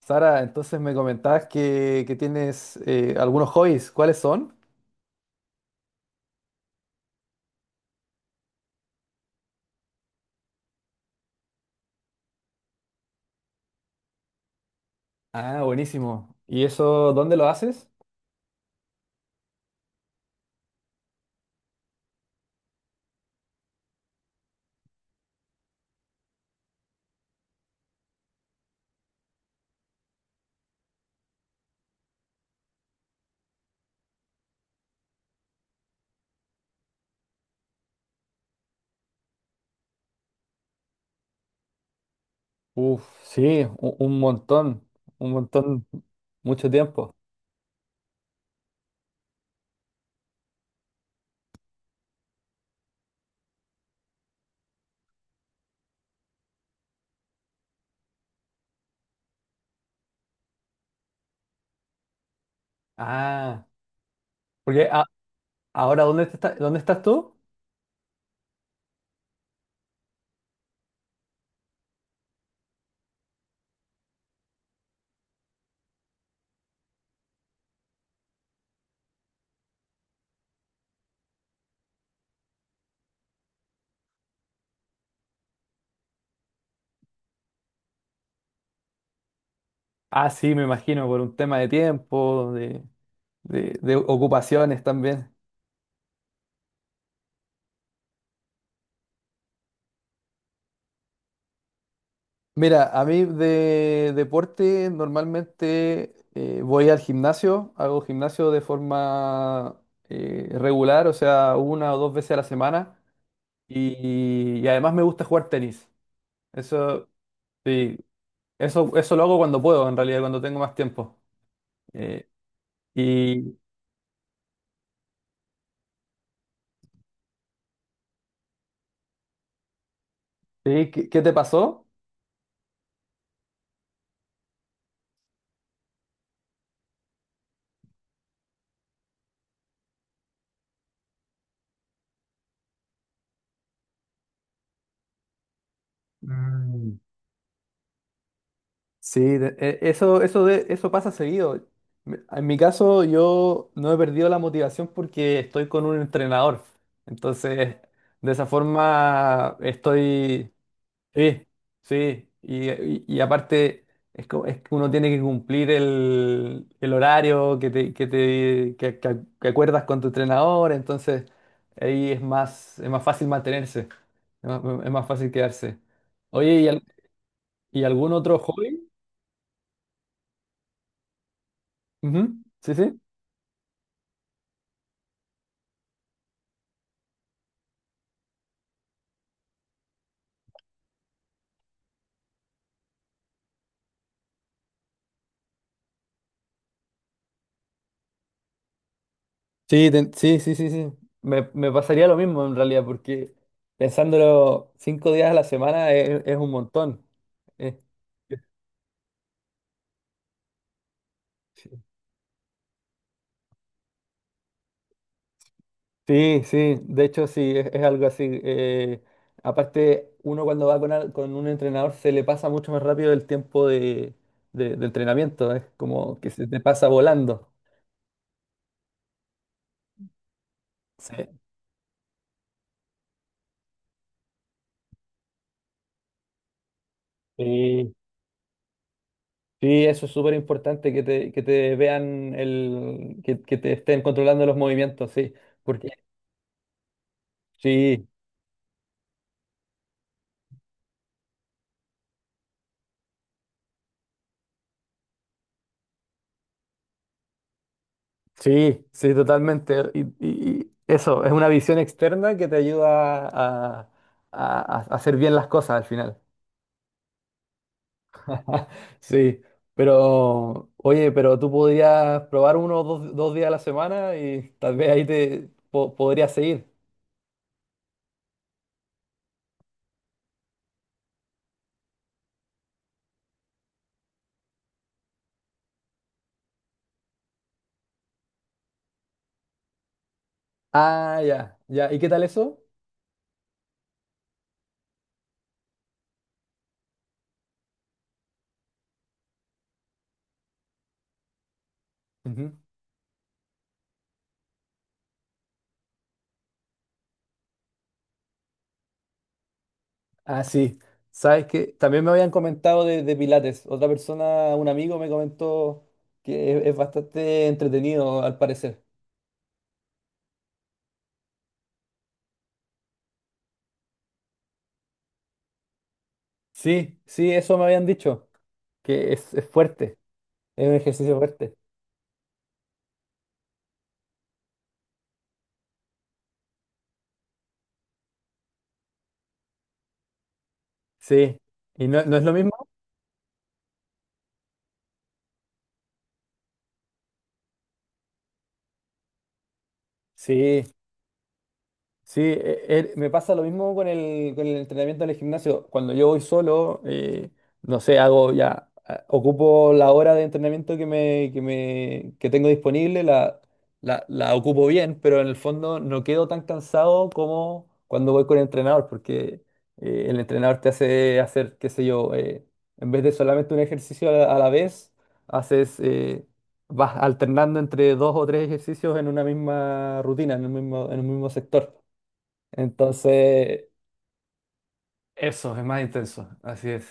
Sara, entonces me comentabas que tienes algunos hobbies. ¿Cuáles son? Ah, buenísimo. ¿Y eso dónde lo haces? Uf, sí, un montón, un montón, mucho tiempo. Ah, porque a- ahora, ¿dónde dónde estás tú? Ah, sí, me imagino, por un tema de tiempo, de ocupaciones también. Mira, a mí de deporte normalmente voy al gimnasio, hago gimnasio de forma regular, o sea, una o dos veces a la semana y además me gusta jugar tenis. Eso, sí, eso lo hago cuando puedo, en realidad, cuando tengo más tiempo. Eh, ¿y sí, qué, ¿qué te pasó? Sí, eso, eso, eso pasa seguido. En mi caso, yo no he perdido la motivación porque estoy con un entrenador. Entonces, de esa forma estoy. Sí, sí. Y, y aparte, es, es que uno tiene que cumplir el horario que te, que te que acuerdas con tu entrenador. Entonces, ahí es más fácil mantenerse. Es más fácil quedarse. Oye, ¿ y algún otro hobby? Ujú. Sí, sí. Sí, sí, sí, sí, sí. Me pasaría lo mismo en realidad, porque pensándolo cinco días a la semana es un montón. Eh, eh, Sí, sí, sí, de hecho sí, es algo así. Aparte, uno cuando va con, con un entrenador se le pasa mucho más rápido el tiempo de, de entrenamiento, es como que se te pasa volando. Sí. Sí. Sí, eso es súper importante que te vean el, que te estén controlando los movimientos, sí. Porque sí, sí, sí, totalmente. Y, y eso, es una visión externa que te ayuda a, a hacer bien las cosas al final. Sí, pero oye, pero tú podrías probar uno o dos, dos días a la semana y tal vez ahí podrías seguir. Ah, ya, ya. ¿Y qué tal eso? Ujú. Ah, sí. Sabes que también me habían comentado de Pilates. Otra persona, un amigo, me comentó que es bastante entretenido, al parecer. Sí, sí, eso me habían dicho, que es fuerte, es un ejercicio fuerte. Sí. ¿Y no, no es lo mismo? Sí. Sí, me pasa lo mismo con el entrenamiento en el gimnasio. Cuando yo voy solo, no sé, hago ya, ocupo la hora de entrenamiento que me, que me, que tengo disponible, la ocupo bien, pero en el fondo no quedo tan cansado como cuando voy con el entrenador, porque el entrenador te hace hacer, qué sé yo, en vez de solamente un ejercicio a la vez, haces, vas alternando entre dos o tres ejercicios en una misma rutina, en un mismo sector. Entonces, eso, es más intenso, así es.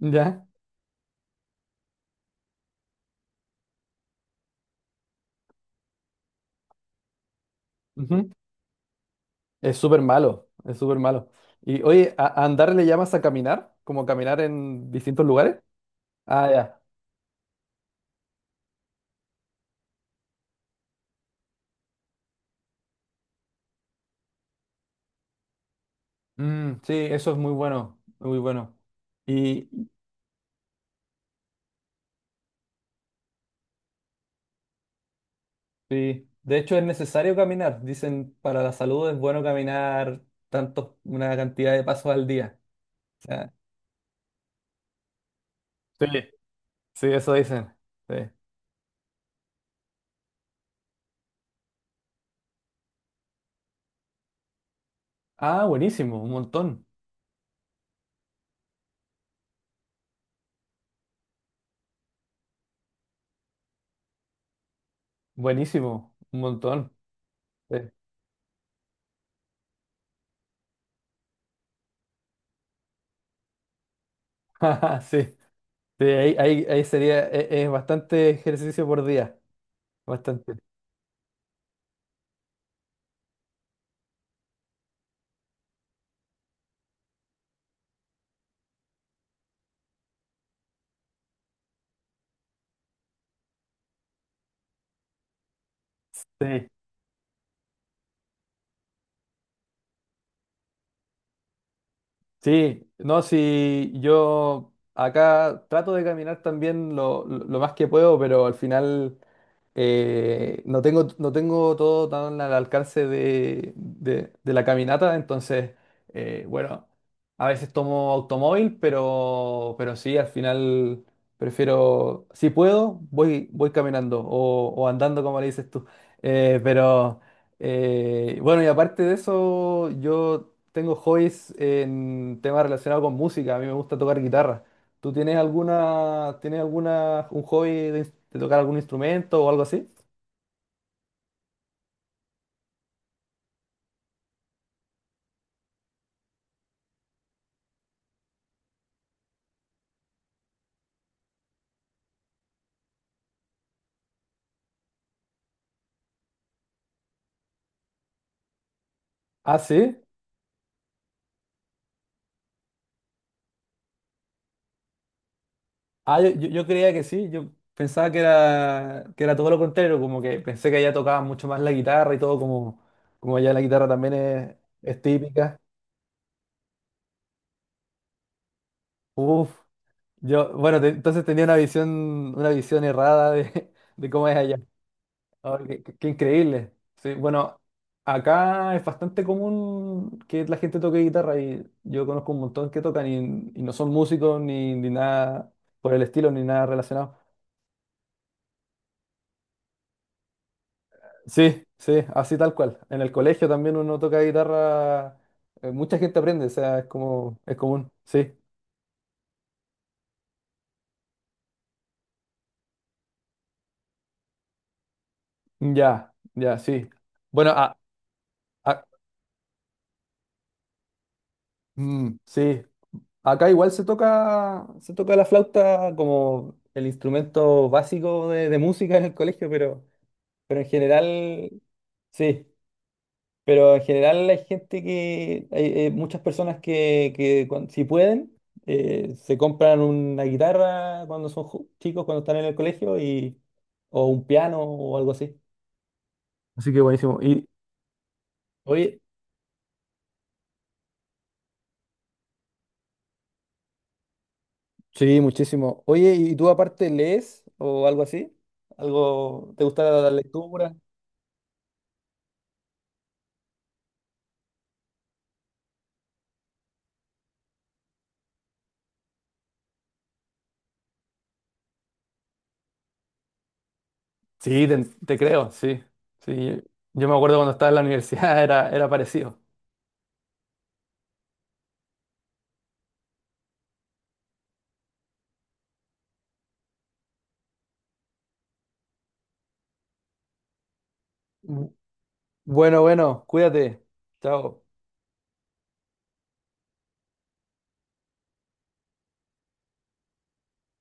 Ya, ujú, es súper malo, es súper malo. Y oye, a andar le llamas a caminar? ¿Como caminar en distintos lugares? Ah, ya. Mm, sí, eso es muy bueno, muy bueno. Y sí, de hecho es necesario caminar. Dicen, para la salud es bueno caminar tanto, una cantidad de pasos al día. O sea, sí, sí, eso dicen. Sí. Ah, buenísimo, un montón. Buenísimo, un montón. Sí. Sí. Sí, ahí, ahí, ahí sería, es, bastante ejercicio por día, bastante. Sí, sí, no, si yo acá trato de caminar también lo, lo más que puedo, pero al final no tengo, no tengo todo tan al alcance de, de la caminata, entonces, bueno, a veces tomo automóvil, pero sí, al final prefiero, si puedo, voy, voy caminando o andando, como le dices tú. Pero, bueno, y aparte de eso, yo tengo hobbies en temas relacionados con música, a mí me gusta tocar guitarra. ¿Tú tienes alguna, un hobby de, de tocar algún instrumento o algo así? Ah, sí. Ah, yo, yo creía que sí. Yo pensaba que era todo lo contrario, como que pensé que allá tocaba mucho más la guitarra y todo, como, como allá la guitarra también es típica. Uf, yo, bueno, entonces tenía una visión errada de, de cómo es allá. Ah, qué, qué increíble. Sí, bueno, acá es bastante común que la gente toque guitarra y yo conozco un montón que tocan y no son músicos ni, ni nada por el estilo, ni nada relacionado. Sí, sí, así tal cual. En el colegio también uno toca guitarra, mucha gente aprende, o sea, es como, es común. Sí, ya, ya, sí. Bueno, a- sí. Acá igual se toca la flauta como el instrumento básico de música en el colegio, pero en general, sí, pero en general hay gente que, hay, muchas personas que, que si pueden, se compran una guitarra cuando son chicos, cuando están en el colegio, y, o un piano o algo así. Así que buenísimo. Y, oye, sí, muchísimo. Oye, ¿y tú aparte lees o algo así? ¿Algo te gusta la lectura? Sí, te creo, sí. Sí, yo me acuerdo cuando estaba en la universidad era, era parecido. Bu- Bueno, bueno, cuídate. Chao.